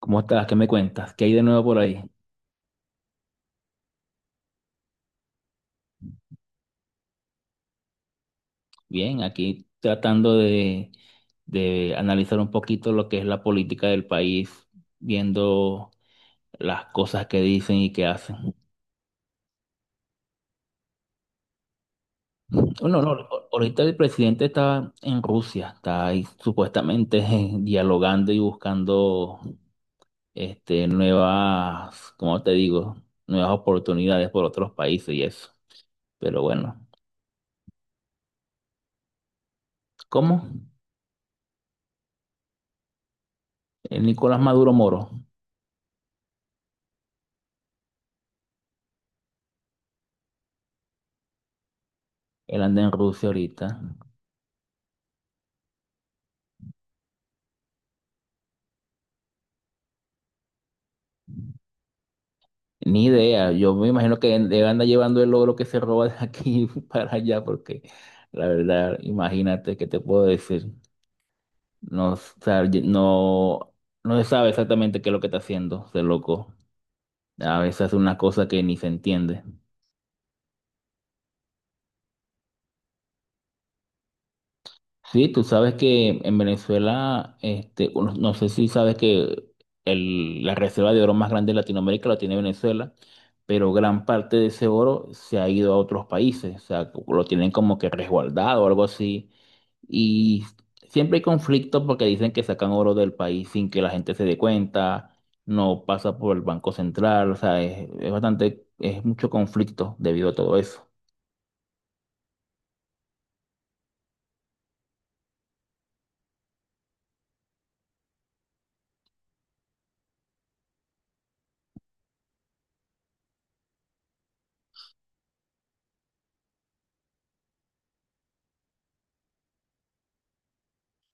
¿Cómo estás? ¿Qué me cuentas? ¿Qué hay de nuevo por ahí? Bien, aquí tratando de analizar un poquito lo que es la política del país, viendo las cosas que dicen y que hacen. Bueno, no, ahorita el presidente está en Rusia, está ahí supuestamente dialogando y buscando nuevas, ¿cómo te digo? Nuevas oportunidades por otros países y eso. Pero bueno, ¿cómo? El Nicolás Maduro Moro, él anda en Rusia ahorita. Ni idea, yo me imagino que él anda llevando el logro que se roba de aquí para allá, porque la verdad, imagínate, ¿qué te puedo decir? No, sa- no, no se sabe exactamente qué es lo que está haciendo, ese loco. A veces hace una cosa que ni se entiende. Sí, tú sabes que en Venezuela, no sé si sabes que la reserva de oro más grande de Latinoamérica la tiene Venezuela, pero gran parte de ese oro se ha ido a otros países, o sea, lo tienen como que resguardado o algo así. Y siempre hay conflictos porque dicen que sacan oro del país sin que la gente se dé cuenta, no pasa por el Banco Central, o sea, es bastante, es mucho conflicto debido a todo eso.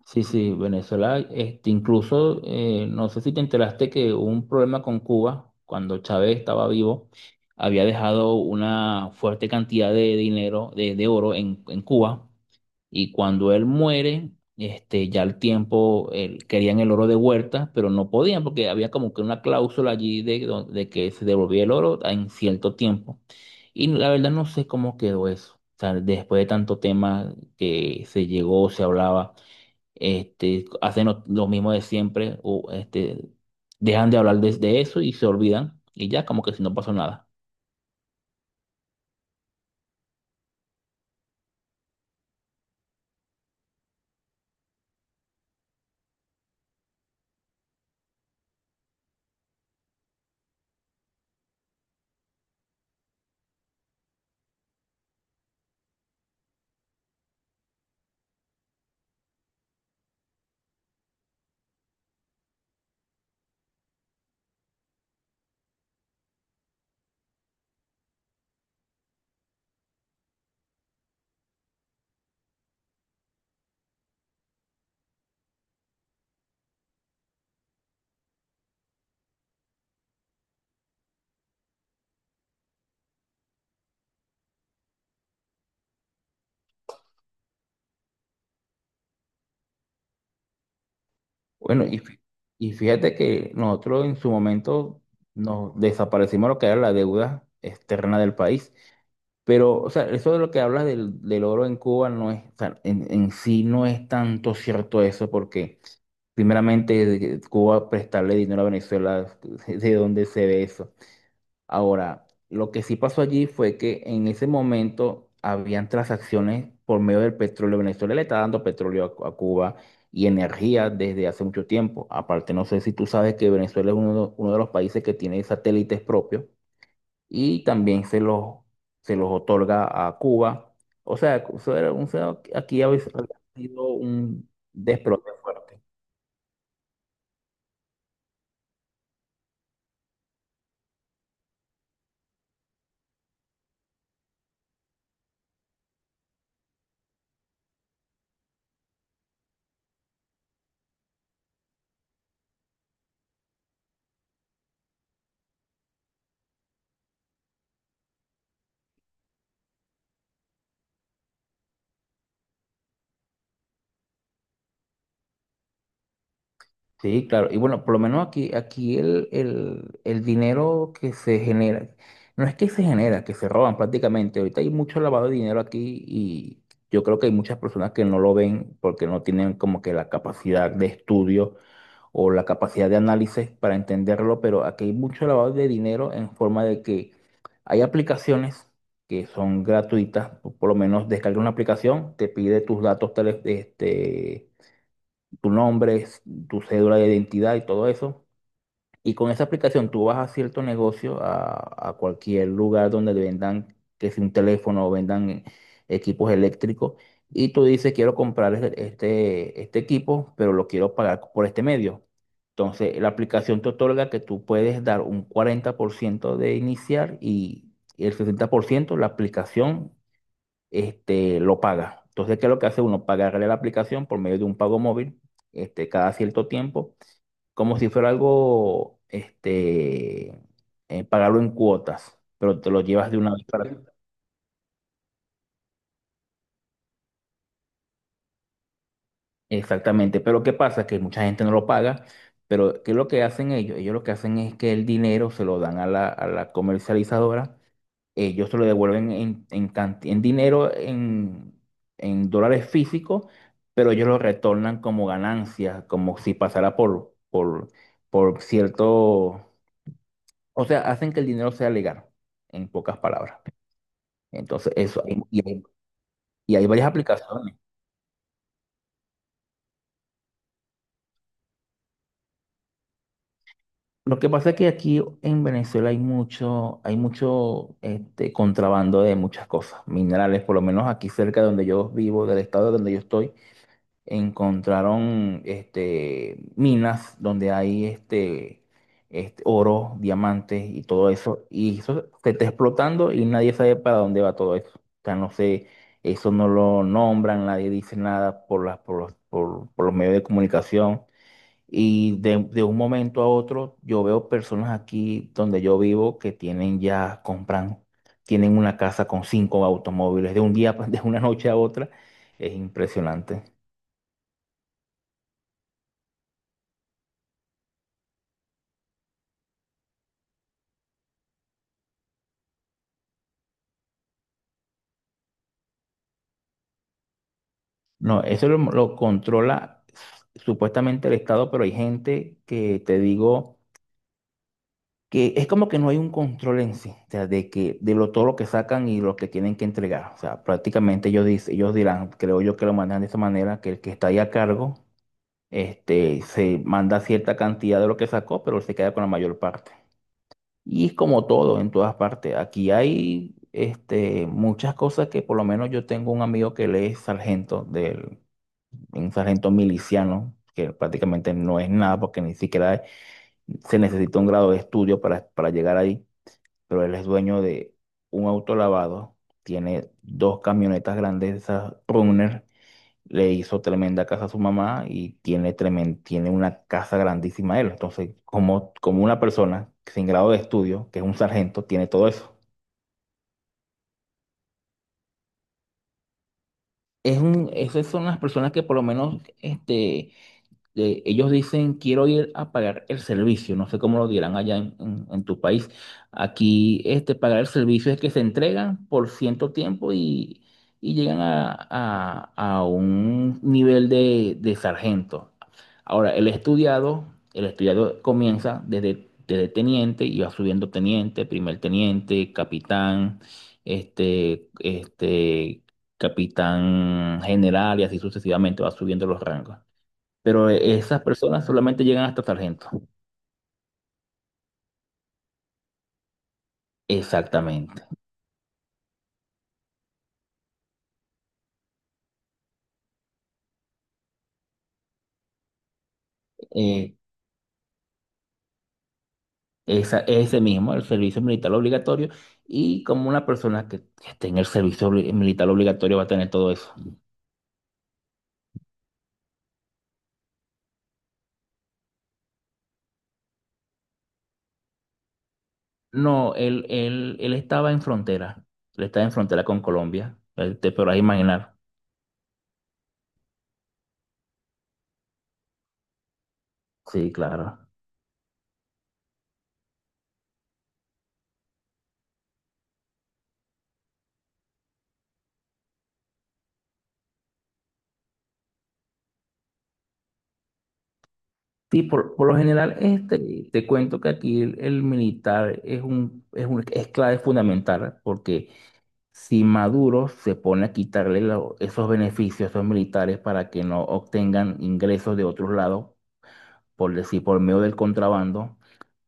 Sí, sí, Venezuela, incluso, no sé si te enteraste que hubo un problema con Cuba cuando Chávez estaba vivo, había dejado una fuerte cantidad de dinero, de oro en Cuba, y cuando él muere, ya al tiempo querían el oro de vuelta, pero no podían porque había como que una cláusula allí de, de que se devolvía el oro en cierto tiempo. Y la verdad no sé cómo quedó eso, o sea, después de tanto tema que se llegó, se hablaba hacen lo mismo de siempre, o dejan de hablar de eso y se olvidan, y ya como que si no pasó nada. Bueno, y fíjate que nosotros en su momento nos desaparecimos lo que era la deuda externa del país, pero, o sea, eso de lo que hablas del oro en Cuba no es, o sea, en sí no es tanto cierto eso, porque primeramente de que Cuba prestarle dinero a Venezuela, ¿de dónde se ve eso? Ahora, lo que sí pasó allí fue que en ese momento habían transacciones por medio del petróleo. Venezuela le está dando petróleo a Cuba y energía desde hace mucho tiempo. Aparte, no sé si tú sabes que Venezuela es uno de los países que tiene satélites propios y también se los otorga a Cuba. O sea, eso aquí había sido un desplome fuerte. Sí, claro. Y bueno, por lo menos aquí, aquí el dinero que se genera, no es que se genera, que se roban prácticamente. Ahorita hay mucho lavado de dinero aquí y yo creo que hay muchas personas que no lo ven porque no tienen como que la capacidad de estudio o la capacidad de análisis para entenderlo, pero aquí hay mucho lavado de dinero en forma de que hay aplicaciones que son gratuitas, o por lo menos descarga una aplicación, te pide tus datos, tu nombre, tu cédula de identidad y todo eso. Y con esa aplicación tú vas a cierto negocio, a cualquier lugar donde le vendan, que sea un teléfono o vendan equipos eléctricos, y tú dices, quiero comprar este, este equipo, pero lo quiero pagar por este medio. Entonces, la aplicación te otorga que tú puedes dar un 40% de iniciar y el 60% la aplicación lo paga. Entonces, ¿qué es lo que hace uno? Pagarle la aplicación por medio de un pago móvil, cada cierto tiempo, como si fuera algo, pagarlo en cuotas, pero te lo llevas de una vez para... Exactamente, pero ¿qué pasa? Que mucha gente no lo paga, pero ¿qué es lo que hacen ellos? Ellos lo que hacen es que el dinero se lo dan a la comercializadora ellos te lo devuelven en dinero, en dólares físicos, pero ellos lo retornan como ganancias, como si pasara por cierto, o sea, hacen que el dinero sea legal, en pocas palabras. Entonces, y hay varias aplicaciones. Lo que pasa es que aquí en Venezuela hay mucho contrabando de muchas cosas, minerales, por lo menos aquí cerca de donde yo vivo, del estado donde yo estoy encontraron minas donde hay oro, diamantes y todo eso. Y eso se está explotando y nadie sabe para dónde va todo eso. O sea, no sé, eso no lo nombran, nadie dice nada por las, por los, por los medios de comunicación. Y de un momento a otro, yo veo personas aquí donde yo vivo que tienen ya, compran, tienen una casa con cinco automóviles de un día, de una noche a otra. Es impresionante. No, lo controla supuestamente el Estado, pero hay gente que te digo que es como que no hay un control en sí, o sea, de que de lo todo lo que sacan y lo que tienen que entregar. O sea, prácticamente ellos dicen, ellos dirán, creo yo que lo mandan de esa manera, que el que está ahí a cargo, se manda cierta cantidad de lo que sacó, pero se queda con la mayor parte. Y es como todo en todas partes. Aquí hay muchas cosas que por lo menos yo tengo un amigo que él es sargento del un sargento miliciano, que prácticamente no es nada porque ni siquiera se necesita un grado de estudio para llegar ahí, pero él es dueño de un auto lavado, tiene dos camionetas grandes, de esas Runner, le hizo tremenda casa a su mamá y tiene una casa grandísima él. Entonces, como una persona sin grado de estudio, que es un sargento, tiene todo eso. Es un, esas son las personas que por lo menos ellos dicen, quiero ir a pagar el servicio, no sé cómo lo dirán allá en tu país. Aquí, pagar el servicio es que se entregan por cierto tiempo y llegan a un nivel de sargento. Ahora, el estudiado comienza desde teniente y va subiendo teniente, primer teniente, capitán, este, este, capitán general y así sucesivamente va subiendo los rangos pero esas personas solamente llegan hasta sargento. Exactamente. Eh, ese mismo, el servicio militar obligatorio, y como una persona que esté en el servicio militar obligatorio va a tener todo eso. No, él estaba en frontera, él estaba en frontera con Colombia, te podrás imaginar. Sí, claro. Sí, por lo general, te cuento que aquí el militar es un, es clave fundamental porque si Maduro se pone a quitarle esos beneficios a esos militares para que no obtengan ingresos de otros lados, por decir, por medio del contrabando,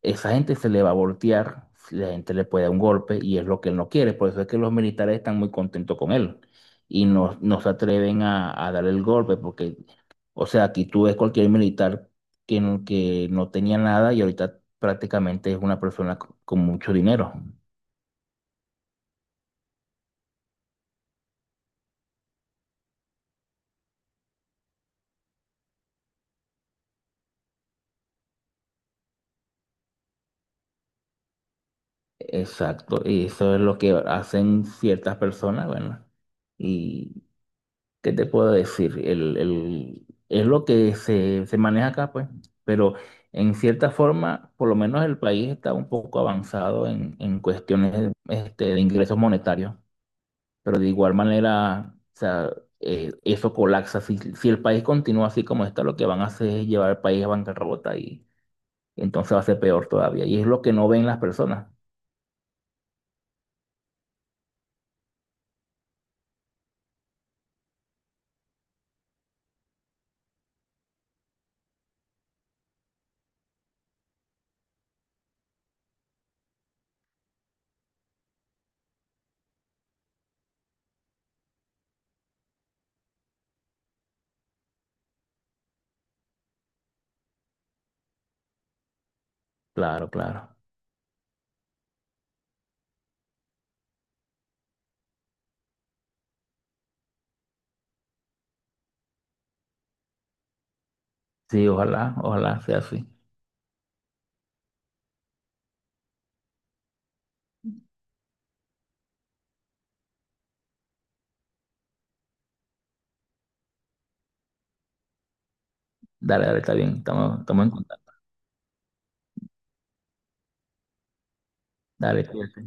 esa gente se le va a voltear, si la gente le puede dar un golpe y es lo que él no quiere. Por eso es que los militares están muy contentos con él y no, no se atreven a darle el golpe porque, o sea, aquí tú ves cualquier militar que no tenía nada y ahorita prácticamente es una persona con mucho dinero. Exacto, y eso es lo que hacen ciertas personas, bueno, y qué te puedo decir, es lo que se maneja acá, pues, pero en cierta forma, por lo menos el país está un poco avanzado en cuestiones de ingresos monetarios, pero de igual manera, o sea, eso colapsa, si el país continúa así como está, lo que van a hacer es llevar al país a bancarrota y entonces va a ser peor todavía, y es lo que no ven las personas, claro, claro. Sí, ojalá, ojalá sea así. Dale, dale, está bien, estamos, estamos en contacto. Dale, cuídate.